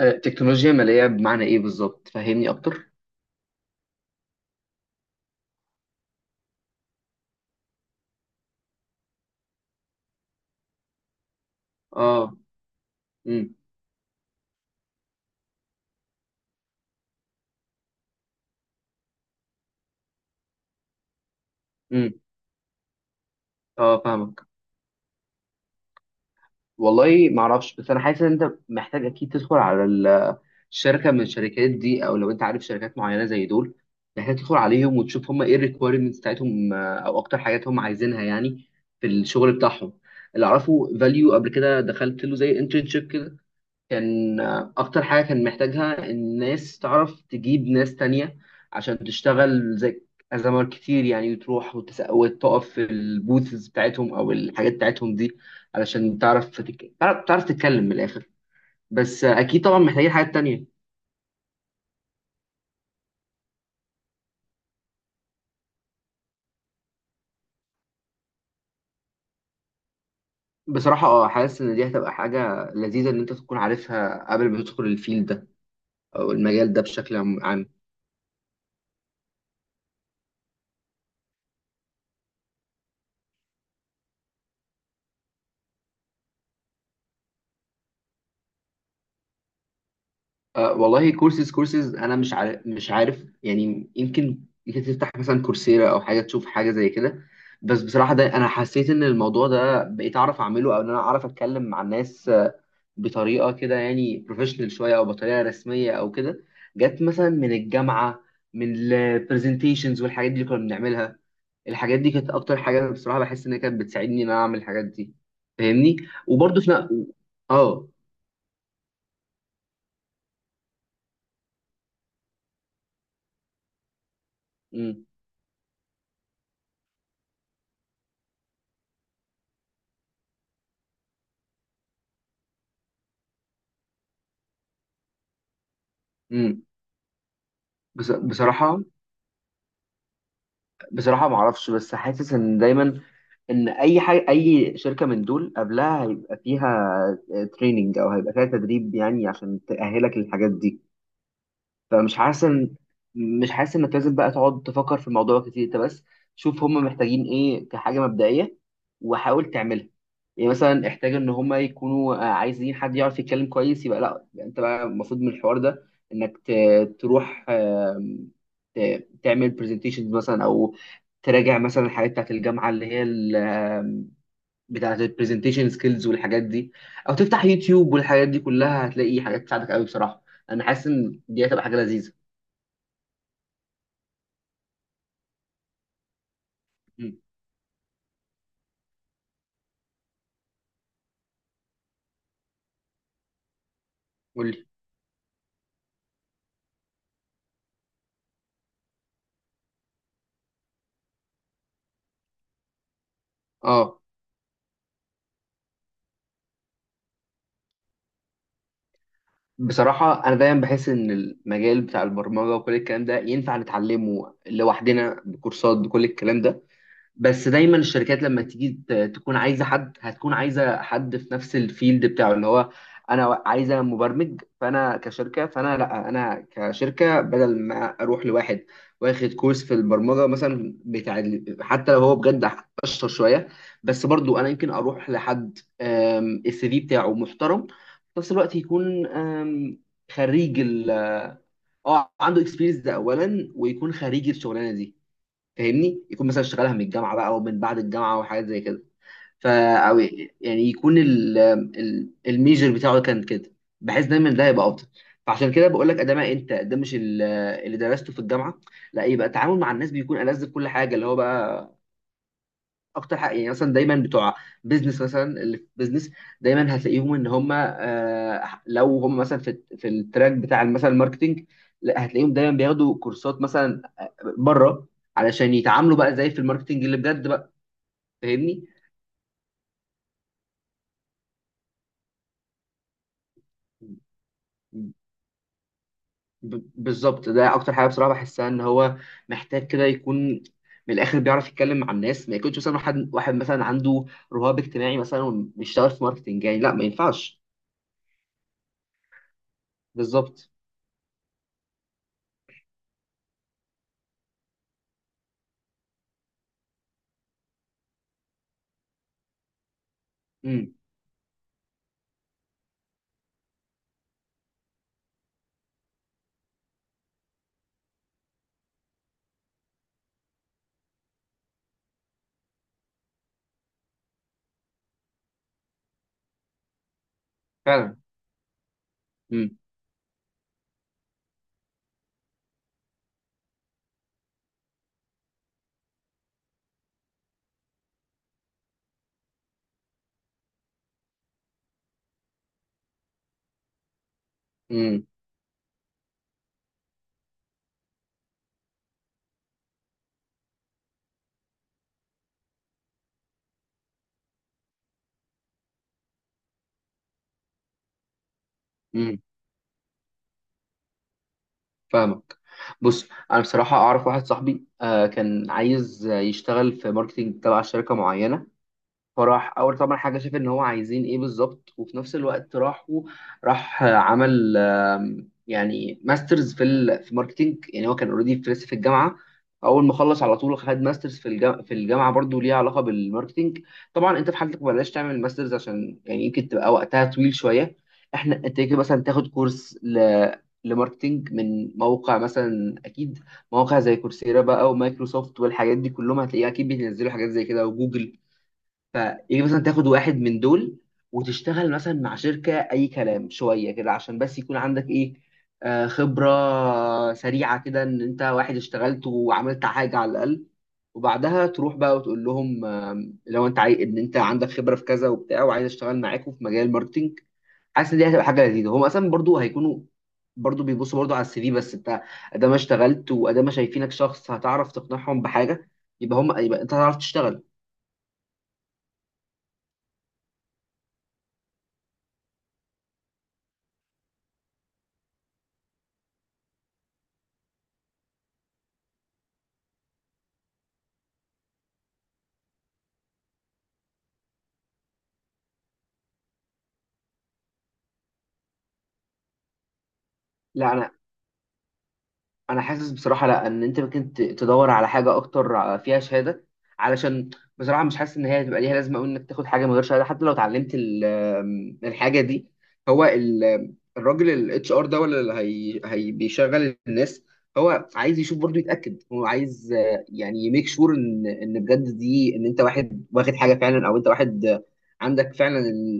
تكنولوجيا مالية بمعنى ايه بالظبط؟ فهمني اكتر. اه. امم. امم. اه، فاهمك. والله ما اعرفش، بس انا حاسس ان انت محتاج اكيد تدخل على الشركة من الشركات دي، او لو انت عارف شركات معينة زي دول محتاج تدخل عليهم وتشوف هم ايه الريكويرمنتس بتاعتهم، او اكتر حاجات هم عايزينها يعني في الشغل بتاعهم. اللي اعرفه، فاليو قبل كده دخلت له زي انترنشيب كده. كان أكتر حاجة كان محتاجها الناس تعرف تجيب ناس تانية عشان تشتغل، زي أزمات كتير يعني، وتروح وتقف في البوثز بتاعتهم أو الحاجات بتاعتهم دي علشان تعرف تعرف تتكلم من الآخر. بس أكيد طبعا محتاجين حاجات تانية. بصراحة حاسس إن دي هتبقى حاجة لذيذة إن أنت تكون عارفها قبل ما تدخل الفيلد ده أو المجال ده بشكل عام. أه والله، كورسز انا مش عارف يعني، يمكن تفتح مثلا كورسيرا او حاجه، تشوف حاجه زي كده. بس بصراحه، ده انا حسيت ان الموضوع ده بقيت اعرف اعمله او ان انا اعرف اتكلم مع الناس بطريقه كده يعني بروفيشنال شويه او بطريقه رسميه او كده. جت مثلا من الجامعه، من البرزنتيشنز والحاجات دي اللي كنا بنعملها. الحاجات دي كانت اكتر حاجه أنا بصراحه بحس ان هي كانت بتساعدني ان انا اعمل الحاجات دي. فاهمني. وبرضه في. اه. امم. امم. بصراحه بصراحة ما اعرفش، بس حاسس ان دايما ان اي حاجة اي شركة من دول قبلها هيبقى فيها تريننج او هيبقى فيها تدريب يعني عشان تأهلك للحاجات دي. فمش حاسس إن- مش حاسس انك لازم بقى تقعد تفكر في الموضوع كتير، انت بس شوف هم محتاجين ايه كحاجه مبدئيه وحاول تعملها. يعني مثلا احتاج ان هم يكونوا عايزين حد يعرف يتكلم كويس، يبقى لا، يبقى انت بقى المفروض من الحوار ده انك تروح تعمل برزنتيشنز مثلا، او تراجع مثلا الحاجات بتاعت الجامعه اللي هي ال- آم، بتاعت البرزنتيشن سكيلز والحاجات دي، او تفتح يوتيوب والحاجات دي كلها. هتلاقي حاجات تساعدك قوي بصراحه. انا حاسس ان دي هتبقى حاجه لذيذه. مم. قولي. اه. بصراحة أنا دايما بحس إن المجال بتاع البرمجة وكل الكلام ده ينفع نتعلمه لوحدنا بكورسات بكل الكلام ده. بس دايما الشركات لما تيجي تكون عايزه حد، هتكون عايزه حد في نفس الفيلد بتاعه اللي هو انا عايزه مبرمج. فانا كشركه، فانا لا، انا كشركه بدل ما اروح لواحد واخد كورس في البرمجه مثلا بتاع حتى لو هو بجد اشطر شويه، بس برضو انا يمكن اروح لحد السي في بتاعه محترم، في نفس الوقت يكون خريج ال اه، عنده اكسبيرينس ده اولا، ويكون خريج الشغلانه دي. فاهمني؟ يكون مثلا اشتغلها من الجامعه بقى او من بعد الجامعه او حاجات زي كده. فا او يعني يكون ال ال الميجر بتاعه كان كده، بحيث دايما ده يبقى افضل. فعشان كده بقول لك ده، ما انت ده مش اللي درسته في الجامعه. لا، يبقى التعامل مع الناس بيكون ألذ في كل حاجه، اللي هو بقى اكتر حاجه. يعني مثلا دايما بتوع بيزنس مثلا، اللي في بيزنس دايما هتلاقيهم ان هم لو هم مثلا في في التراك بتاع مثلا الماركتنج، لا هتلاقيهم دايما بياخدوا كورسات مثلا بره علشان يتعاملوا بقى زي في الماركتنج اللي بجد بقى. فاهمني؟ بالظبط، ده اكتر حاجه بصراحه بحسها ان هو محتاج كده يكون من الاخر بيعرف يتكلم مع الناس، ما يكونش مثلا واحد مثلا عنده رهاب اجتماعي مثلا وبيشتغل في ماركتنج، يعني لا ما ينفعش. بالظبط. امم. فعلا. امم. امم. امم. فاهمك. بص، انا بصراحه اعرف واحد صاحبي كان عايز يشتغل في ماركتنج تبع شركه معينه. فراح اول طبعا حاجه شاف ان هو عايزين ايه بالظبط، وفي نفس الوقت راح عمل يعني ماسترز في ماركتينج، يعني هو كان اوريدي في لسه في الجامعه، اول ما خلص على طول خد ماسترز في الجامعه، في الجامعه برضو ليها علاقه بالماركتينج. طبعا انت في حالتك بلاش تعمل ماسترز عشان يعني يمكن تبقى وقتها طويل شويه. احنا انت يمكن مثلا تاخد كورس لماركتينج من موقع مثلا. اكيد مواقع زي كورسيرا بقى ومايكروسوفت والحاجات دي كلهم هتلاقيها اكيد بينزلوا حاجات زي كده، وجوجل. فيجي مثلا تاخد واحد من دول وتشتغل مثلا مع شركة أي كلام شوية كده عشان بس يكون عندك إيه، خبرة سريعة كده إن أنت واحد اشتغلت وعملت حاجة على الأقل. وبعدها تروح بقى وتقول لهم لو أنت عايز إن أنت عندك خبرة في كذا وبتاع، وعايز أشتغل معاكم في مجال الماركتينج. حاسس إن دي هتبقى حاجة لذيذة، هم أصلا برضو هيكونوا برضو بيبصوا برضو على السي في. بس أنت أدام اشتغلت وأدام شايفينك شخص هتعرف تقنعهم بحاجة، يبقى هم، يبقى أنت هتعرف تشتغل. لا، انا حاسس بصراحه لا، ان انت ممكن تدور على حاجه اكتر فيها شهاده، علشان بصراحه مش حاسس ان هي هتبقى ليها لازمه قوي انك تاخد حاجه من غير شهاده حتى لو اتعلمت ال- آم، الحاجه دي. هو الراجل الاتش ار ده ولا اللي هي بيشغل الناس، هو عايز يشوف برضه يتاكد، هو عايز يعني يميك شور ان بجد دي، ان انت واحد واخد حاجه فعلا، او انت واحد عندك فعلا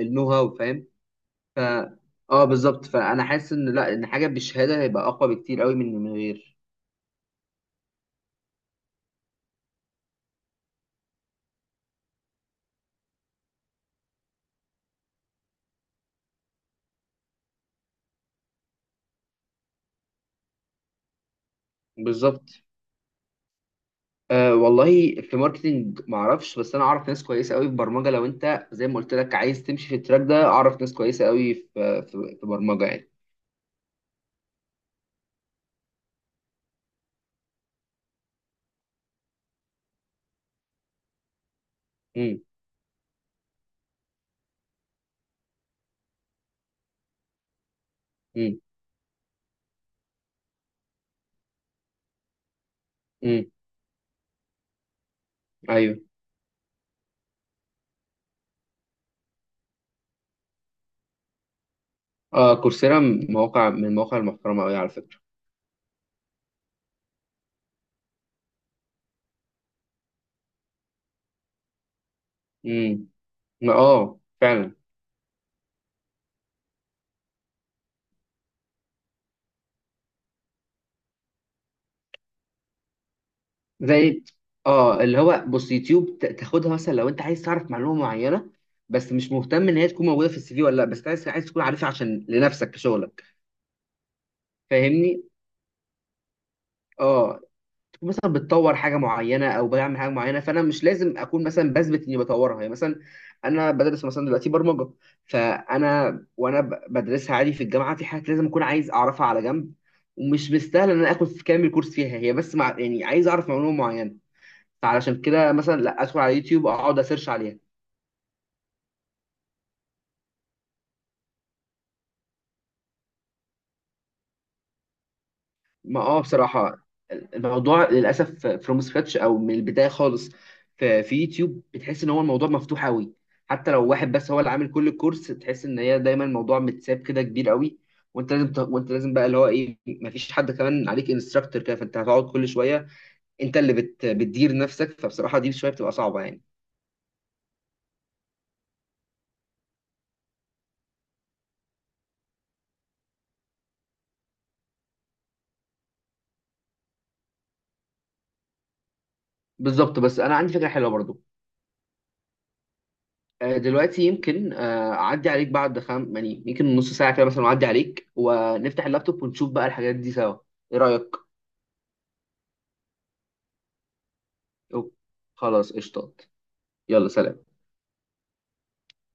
النو هاو. فاهم؟ ف اه بالظبط، فانا حاسس ان لا، ان حاجه بالشهاده هيبقى اقوى بكتير قوي من غير. بالظبط. أه والله في ماركتينج ما اعرفش، بس انا اعرف ناس كويسه قوي في برمجه. لو انت زي ما قلت لك عايز تمشي في التراك ده، اعرف ناس كويسه قوي في برمجه يعني. امم. امم. امم. ايوه. اه، كورسيرا، مواقع من المواقع المحترمه قوي على فكره. امم. اه فعلا. زي اه، اللي هو بص، يوتيوب تاخدها مثلا لو انت عايز تعرف معلومه معينه، بس مش مهتم ان هي تكون موجوده في السي في ولا لا، بس عايز، عايز تكون عارفها عشان لنفسك في شغلك. فاهمني؟ اه. مثلا بتطور حاجه معينه او بعمل حاجه معينه، فانا مش لازم اكون مثلا بثبت اني بطورها. يعني مثلا انا بدرس مثلا دلوقتي برمجه، فانا وانا بدرسها عادي في الجامعه، في حاجات لازم اكون عايز اعرفها على جنب، ومش مستاهل ان انا اخد في كامل كورس فيها هي، بس مع يعني عايز اعرف معلومه معينه. فعلشان كده مثلا لا، ادخل على يوتيوب اقعد اسيرش عليها. ما اه بصراحة، الموضوع للأسف فروم سكراتش أو من البداية خالص، في في يوتيوب بتحس إن هو الموضوع مفتوح أوي. حتى لو واحد بس هو اللي عامل كل الكورس، تحس إن هي دايما الموضوع متساب كده كبير أوي. وأنت لازم بقى، اللي هو إيه، مفيش حد كمان عليك انستراكتور كده، فأنت هتقعد كل شوية أنت اللي بتدير نفسك. فبصراحة دي شوية بتبقى صعبة يعني. بالظبط. بس أنا عندي فكرة حلوة برضو. دلوقتي يمكن اعدي عليك بعد خم يعني، يمكن نص ساعه كده مثلا، اعدي عليك ونفتح اللابتوب ونشوف بقى الحاجات دي سوا. ايه رايك؟ أوه. خلاص قشطات. يلا سلام.